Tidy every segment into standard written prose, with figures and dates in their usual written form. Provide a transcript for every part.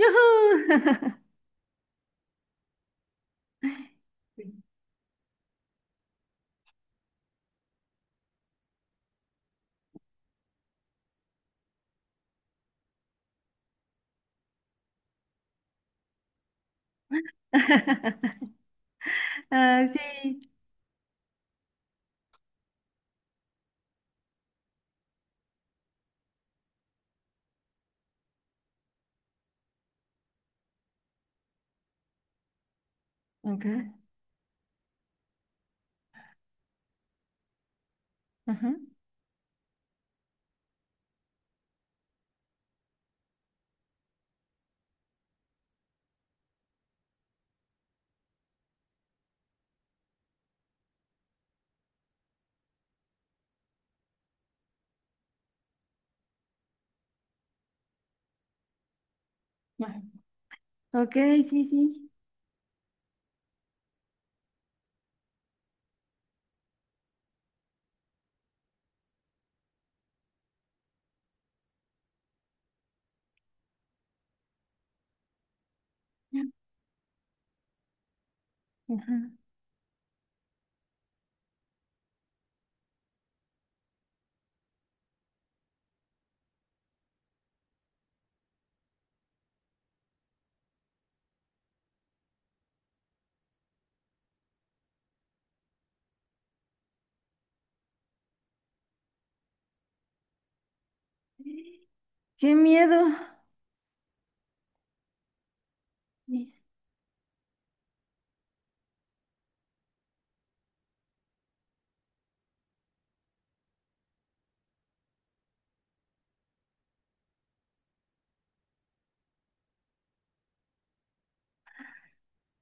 ¡Yujú! Sí. Ah, sí. Ok. Ajá. Ajá. Ok, sí, sí. Ajá. Qué miedo. Sí.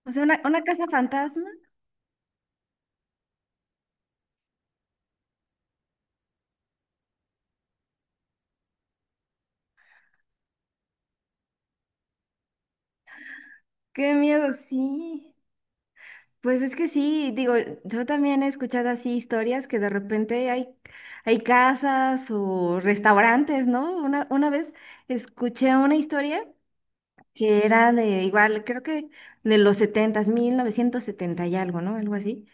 O sea, una casa fantasma. Qué miedo, sí. Pues es que sí, digo, yo también he escuchado así historias que de repente hay casas o restaurantes, ¿no? Una vez escuché una historia que era de igual, creo que de los setentas 1970 y algo, ¿no? Algo así.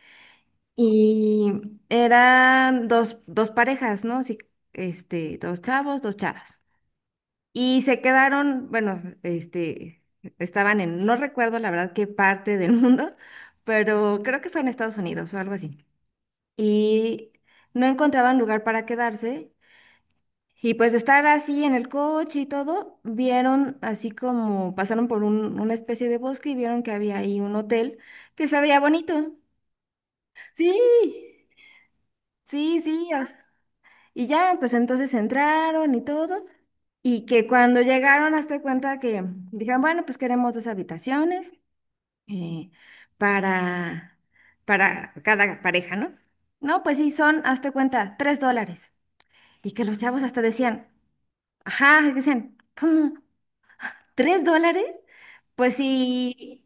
Y eran dos parejas, ¿no? Sí, este, dos chavos, dos chavas. Y se quedaron, bueno, este, estaban en, no recuerdo la verdad qué parte del mundo, pero creo que fue en Estados Unidos o algo así. Y no encontraban lugar para quedarse y pues de estar así en el coche y todo, vieron así como pasaron por un- una especie de bosque y vieron que había ahí un hotel que se veía bonito. Sí, sí, sí. Y ya, pues entonces entraron y todo. Y que cuando llegaron, hasta cuenta que dijeron, bueno, pues queremos dos habitaciones eh, para, para cada pareja, ¿no? No, pues sí, son, hasta cuenta, $3. Y que los chavos hasta decían, ajá, decían, ¿cómo? ¿$3? Pues sí.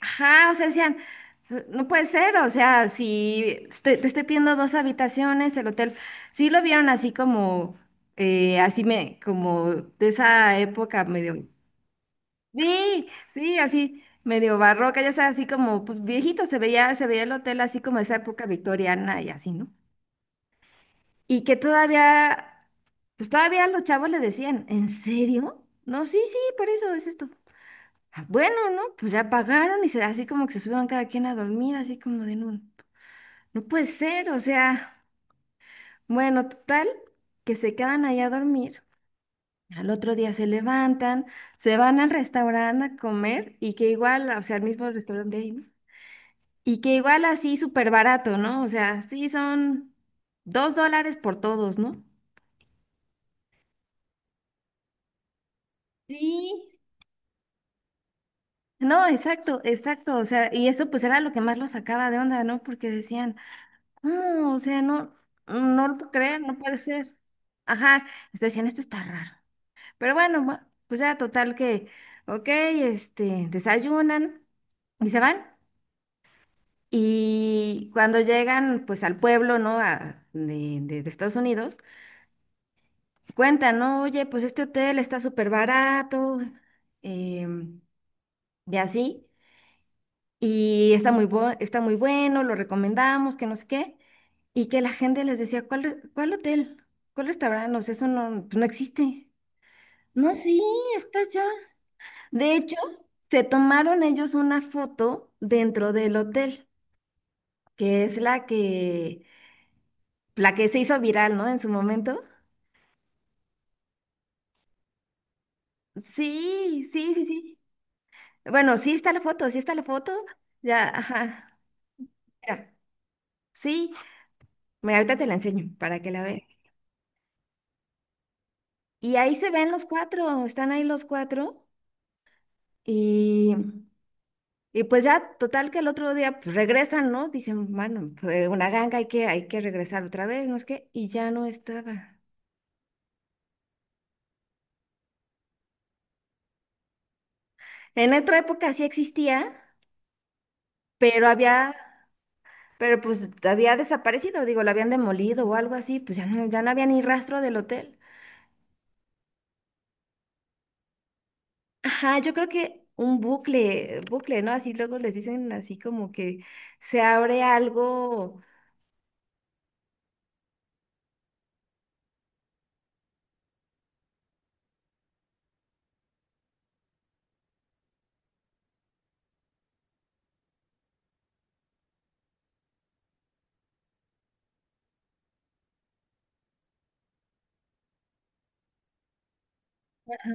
Ajá, o sea, decían, no puede ser, o sea, si te estoy pidiendo dos habitaciones, el hotel. Sí lo vieron así como, así me, como de esa época medio. Sí, sí, así medio barroca, ya sabes, así como pues, viejito, se veía el hotel así como de esa época victoriana y así, ¿no? Y que todavía, pues todavía los chavos le decían, ¿en serio? No, sí, sí, por eso es esto. Ah, bueno, ¿no? Pues ya pagaron y así como que se subieron cada quien a dormir, así como de no, no puede ser, o sea, bueno, total, que se quedan ahí a dormir. Al otro día se levantan, se van al restaurante a comer y que igual, o sea, al mismo restaurante de ahí, ¿no? Y que igual así súper barato, ¿no? O sea, sí son $2 por todos, ¿no? Sí. No, exacto, exacto, o sea, y eso pues era lo que más los sacaba de onda, ¿no? Porque decían... No, o sea, no, no lo puedo creer, no puede ser. Ajá, hasta decían, esto está raro. Pero bueno, pues ya total que, ok, este, desayunan y se van. Y cuando llegan, pues al pueblo, ¿no? De Estados Unidos, cuentan, ¿no? Oye, pues este hotel está súper barato, em, y así, y está muy, está muy bueno, lo recomendamos, que no sé qué, y que la gente les decía, ¿cuál, cuál hotel? ¿Cuál restaurante? O sea, eso no, pues no existe. No, sí, está ya. De hecho, se tomaron ellos una foto dentro del hotel, que es la que se hizo viral, ¿no? En su momento. Sí, sí, sí, sí. Bueno, sí está la foto, sí está la foto. Ya, ajá. Mira, sí, mira, ahorita te la enseño para que la veas. Y ahí se ven los cuatro, están ahí los cuatro. Y, y pues ya, total que el otro día pues, regresan, ¿no? Dicen, bueno, fue una ganga, hay que regresar otra vez, no es que, y ya no estaba. En otra época sí existía, pero había, pero pues había desaparecido, digo, lo habían demolido o algo así, pues ya no, ya no había ni rastro del hotel. Ajá, yo creo que un bucle, bucle, ¿no? Así luego les dicen así como que se abre algo. Ajá,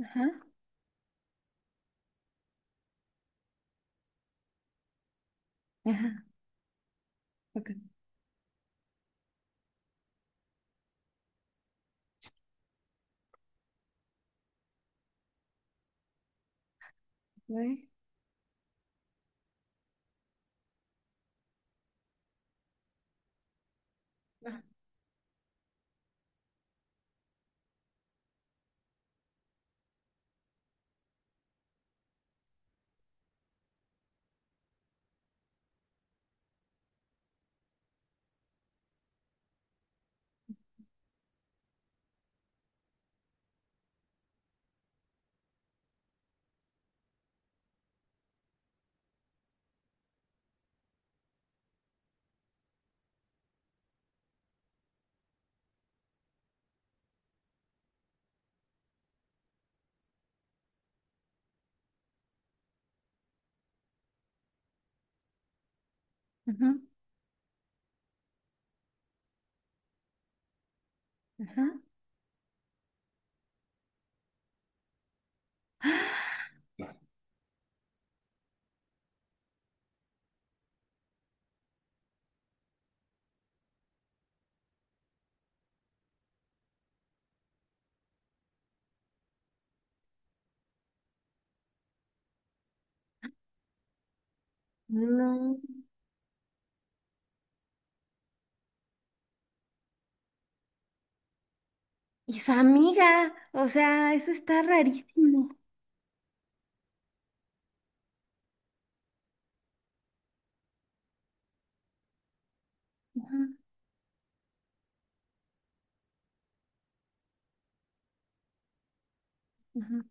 ajá, ajá. Ok. Güey. Ajá, ajá. Ajá. No. Y su amiga, o sea, eso está rarísimo. Ajá, ajá.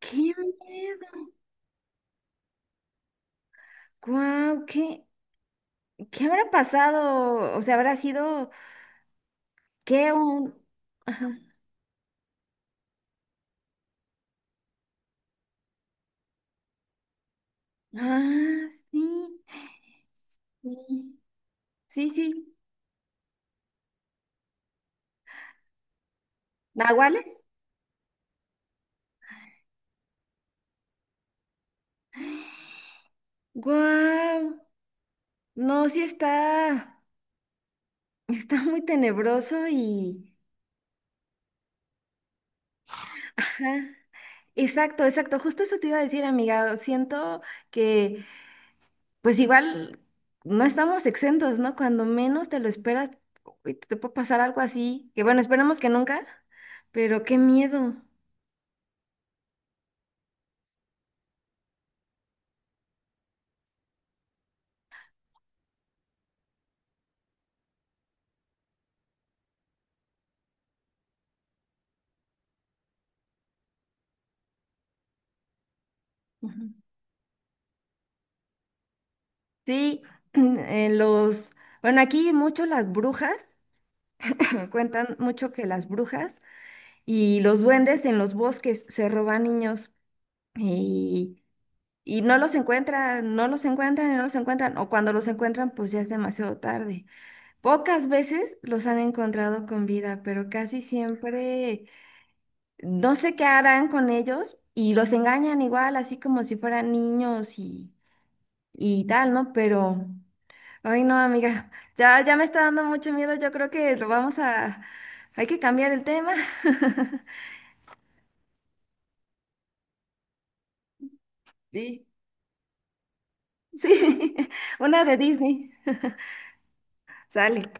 ¡Qué miedo! ¡Guau! ¿Qué, qué habrá pasado? O sea, habrá sido que un. Ajá. Ah, sí. Sí, sí, sí. ¿Nahuales? ¡Guau! No, sí está. Está muy tenebroso y. Ajá. Exacto, exacto. Justo eso te iba a decir, amiga. Siento que, pues igual, no estamos exentos, ¿no? Cuando menos te lo esperas, uy, te puede pasar algo así, que bueno, esperemos que nunca, pero qué miedo. Ujú. Sí, los, bueno, aquí mucho las brujas, cuentan mucho que las brujas y los duendes en los bosques se roban niños. Y Y no los encuentran, no los encuentran y no los encuentran, o cuando los encuentran, pues ya es demasiado tarde. Pocas veces los han encontrado con vida, pero casi siempre no sé qué harán con ellos y los engañan igual, así como si fueran niños y tal, ¿no? Pero, ay no, amiga, ya, ya me está dando mucho miedo, yo creo que lo vamos a, hay que cambiar el tema. Sí, sí, una de Disney. Sale.